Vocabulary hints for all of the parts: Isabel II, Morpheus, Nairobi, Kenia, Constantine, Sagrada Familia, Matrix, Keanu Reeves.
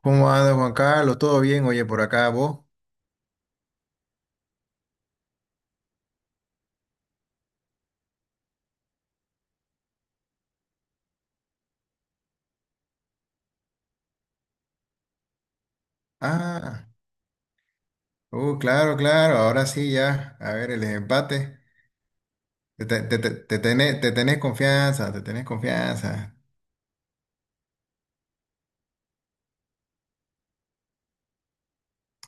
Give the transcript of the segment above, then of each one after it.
¿Cómo anda Juan Carlos? ¿Todo bien? Oye, por acá vos. Ah, claro, claro. Ahora sí ya. A ver, el empate. Te tenés confianza, te tenés confianza.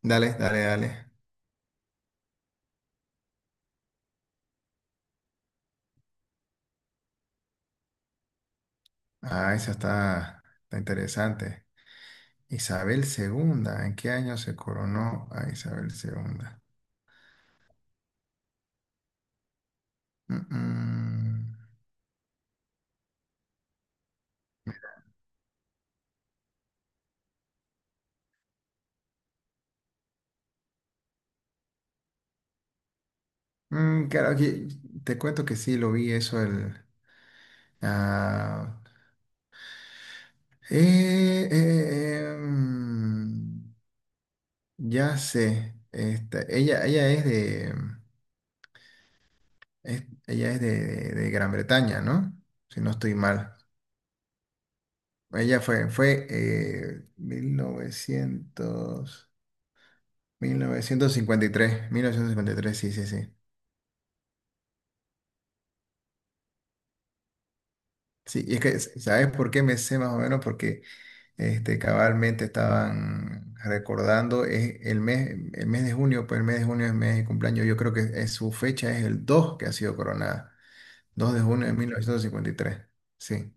Dale, dale, dale. Ah, esa está interesante. Isabel II. ¿En qué año se coronó a Isabel II? Mm, mm. Mm, claro, aquí te cuento que sí, lo vi eso el... ah, mm. Ya sé, esta, ella es de Gran Bretaña, ¿no? Si no estoy mal. Ella fue 1953. 1953, sí, sí, sí. Sí, y es que, ¿sabes por qué me sé más o menos? Porque este, cabalmente estaban recordando, es el mes de junio, pues el mes de junio es el mes de cumpleaños, yo creo su fecha es el 2 que ha sido coronada, 2 de junio de 1953. Sí.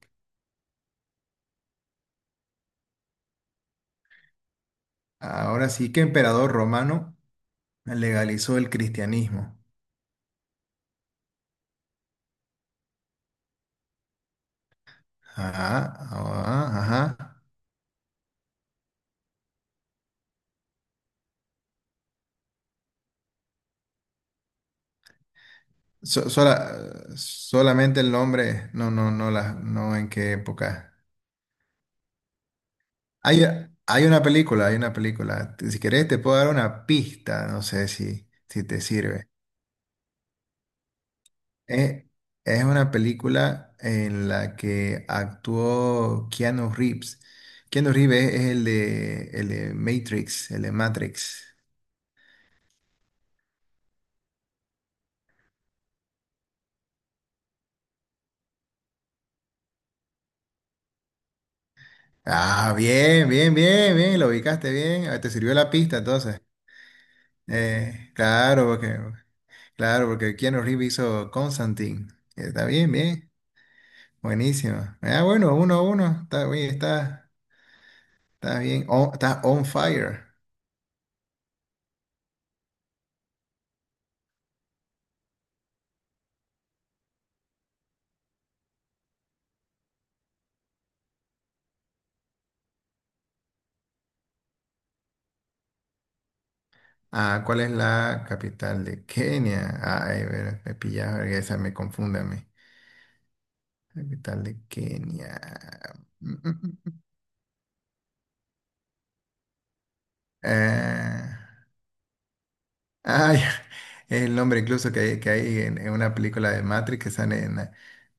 Ahora sí que emperador romano legalizó el cristianismo. Ajá, ajá, ajá. So- sola- Solamente el nombre, no, no, no, no en qué época. Hay, hay una película, hay una película. Si querés te puedo dar una pista, no sé si te sirve. Es, es una película en la que actuó Keanu Reeves. Keanu Reeves es el de Matrix, el de Matrix. Ah, bien, bien, bien, bien, lo ubicaste bien. Ah, te sirvió la pista entonces. Claro, porque, claro, porque Keanu Reeves hizo Constantine. Está bien, bien. Buenísimo. Ah, bueno, 1-1. Está bien, está bien. Está on fire. Ah, ¿cuál es la capital de Kenia? Ay, ver, me pillaba, esa me confunde a mí. Capital de Kenia. Mm, mm, mm. mm. Eh, Ay, el nombre incluso que hay en una película de Matrix que sale en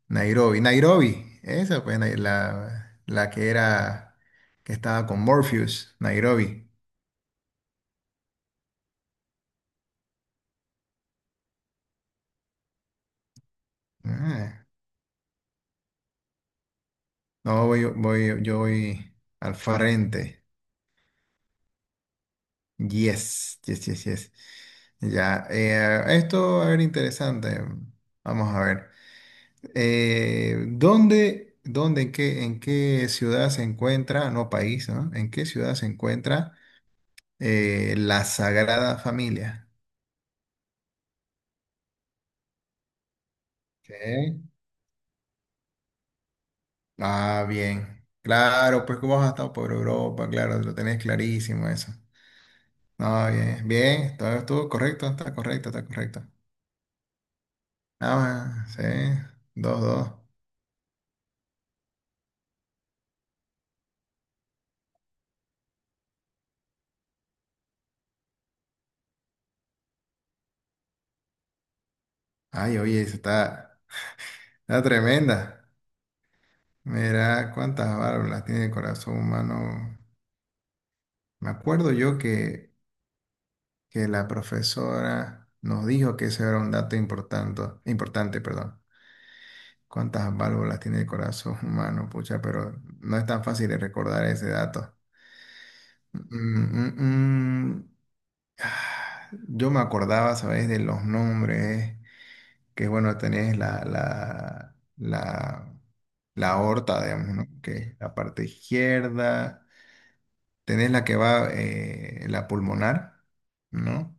Nairobi. Nairobi, esa pues la que era, que estaba con Morpheus, Nairobi. Ah, no, yo voy al frente. Yes, yes, yes, yes. Ya, esto va a ver interesante. Vamos a ver. ¿En qué ciudad se encuentra, no país, ¿no? ¿En qué ciudad se encuentra? La Sagrada Familia. Ok. Ah, bien. Claro, pues que vos has estado por Europa, claro, lo tenés clarísimo eso. No, bien, bien, todo estuvo correcto, está correcto, está correcto. Ah, sí, 2-2. Ay, oye, eso está tremenda. Mira cuántas válvulas tiene el corazón humano. Me acuerdo yo que la profesora nos dijo que ese era un dato importante, importante, perdón. Cuántas válvulas tiene el corazón humano, pucha, pero no es tan fácil de recordar ese dato. Mm, mm, mm. Ah, yo me acordaba, ¿sabes? De los nombres, que bueno, tenés la aorta, digamos, ¿no? Que es la parte izquierda, tenés la que va, la pulmonar, ¿no?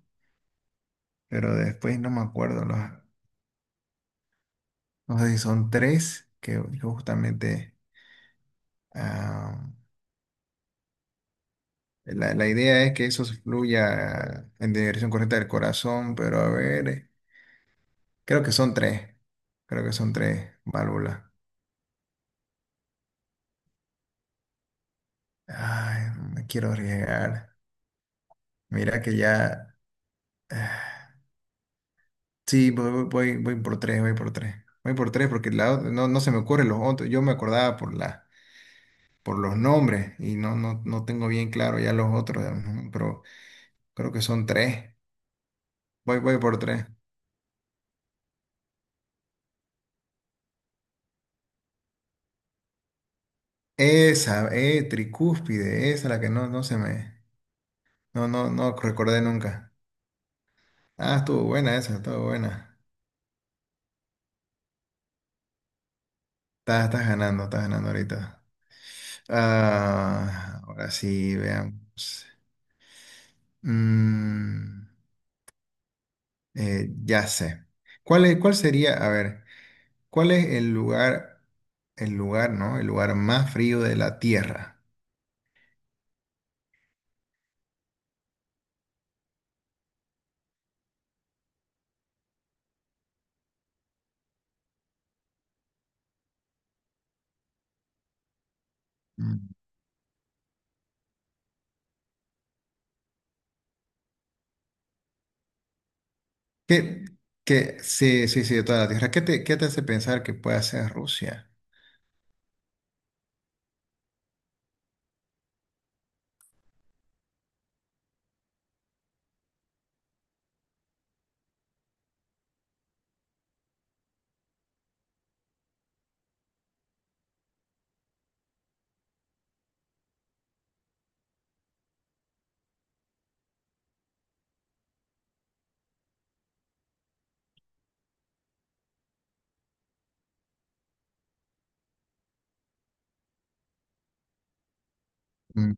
Pero después no me acuerdo, no sé si son tres, que justamente... ah, La, la idea es que eso se fluya en dirección correcta del corazón, pero a ver, creo que son tres. Creo que son tres válvulas. Ay, no me quiero arriesgar. Mira que ya. Sí, voy por tres, voy por tres. Voy por tres porque no, no se me ocurren los otros. Yo me acordaba por los nombres y no, no, no tengo bien claro ya los otros, ujú, pero creo que son tres. Voy por tres. Esa, tricúspide, esa la que no, no se me, no, no, no recordé nunca. Ah, estuvo buena esa, estuvo buena. Estás ganando, estás ganando ahorita. Ah, ahora sí, veamos. Mm, ya sé. ¿Cuál sería, a ver, cuál es el lugar, ¿no? El lugar más frío de la Tierra. Mm. ¿Qué, sí, sí, sí, de toda la Tierra. ¿Qué te hace pensar que pueda ser Rusia? Mm.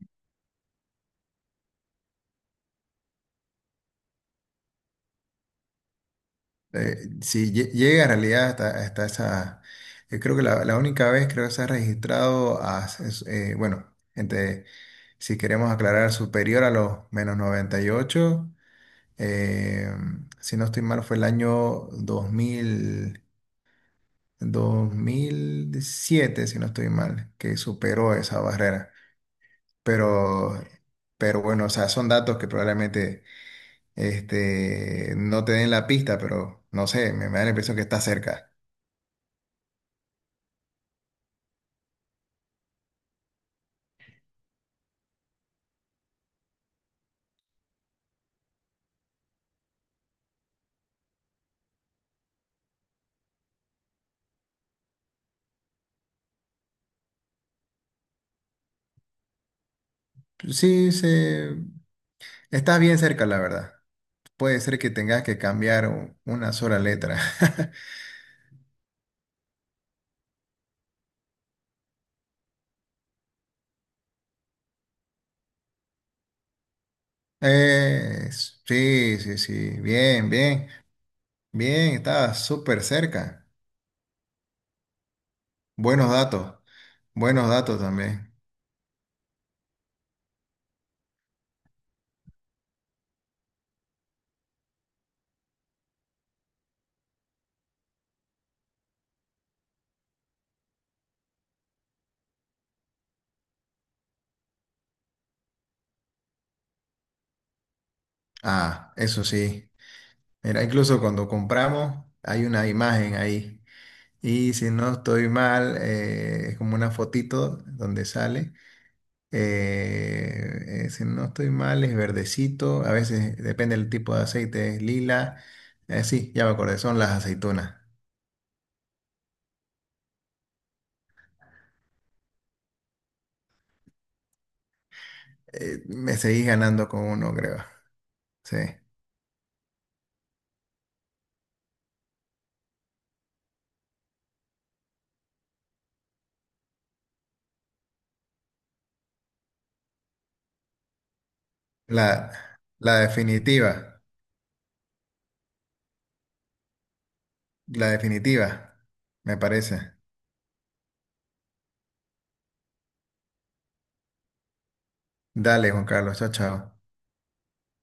Eh, sí, llega en realidad hasta, esa. Yo creo que la única vez creo que se ha registrado bueno, entre, si queremos aclarar, superior a los menos 98. eh, si no estoy mal, fue el año dos dos mil 2007 si no estoy mal, que superó esa barrera. Pero, pero bueno, o sea, son datos que probablemente este, no te den la pista, pero no sé, me da la impresión que está cerca. Sí, está bien cerca, la verdad. Puede ser que tengas que cambiar una sola letra. Sí, sí, sí. Bien, bien, bien. Estaba súper cerca. Buenos datos. Buenos datos también. Ah, eso sí. Mira, incluso cuando compramos hay una imagen ahí. Y si no estoy mal, es como una fotito donde sale. Si no estoy mal, es verdecito. A veces depende del tipo de aceite, es lila. Sí, ya me acordé, son las aceitunas. Me seguís ganando con uno, creo. Sí. La, la definitiva. La definitiva, me parece. Dale, Juan Carlos. Chao, chao.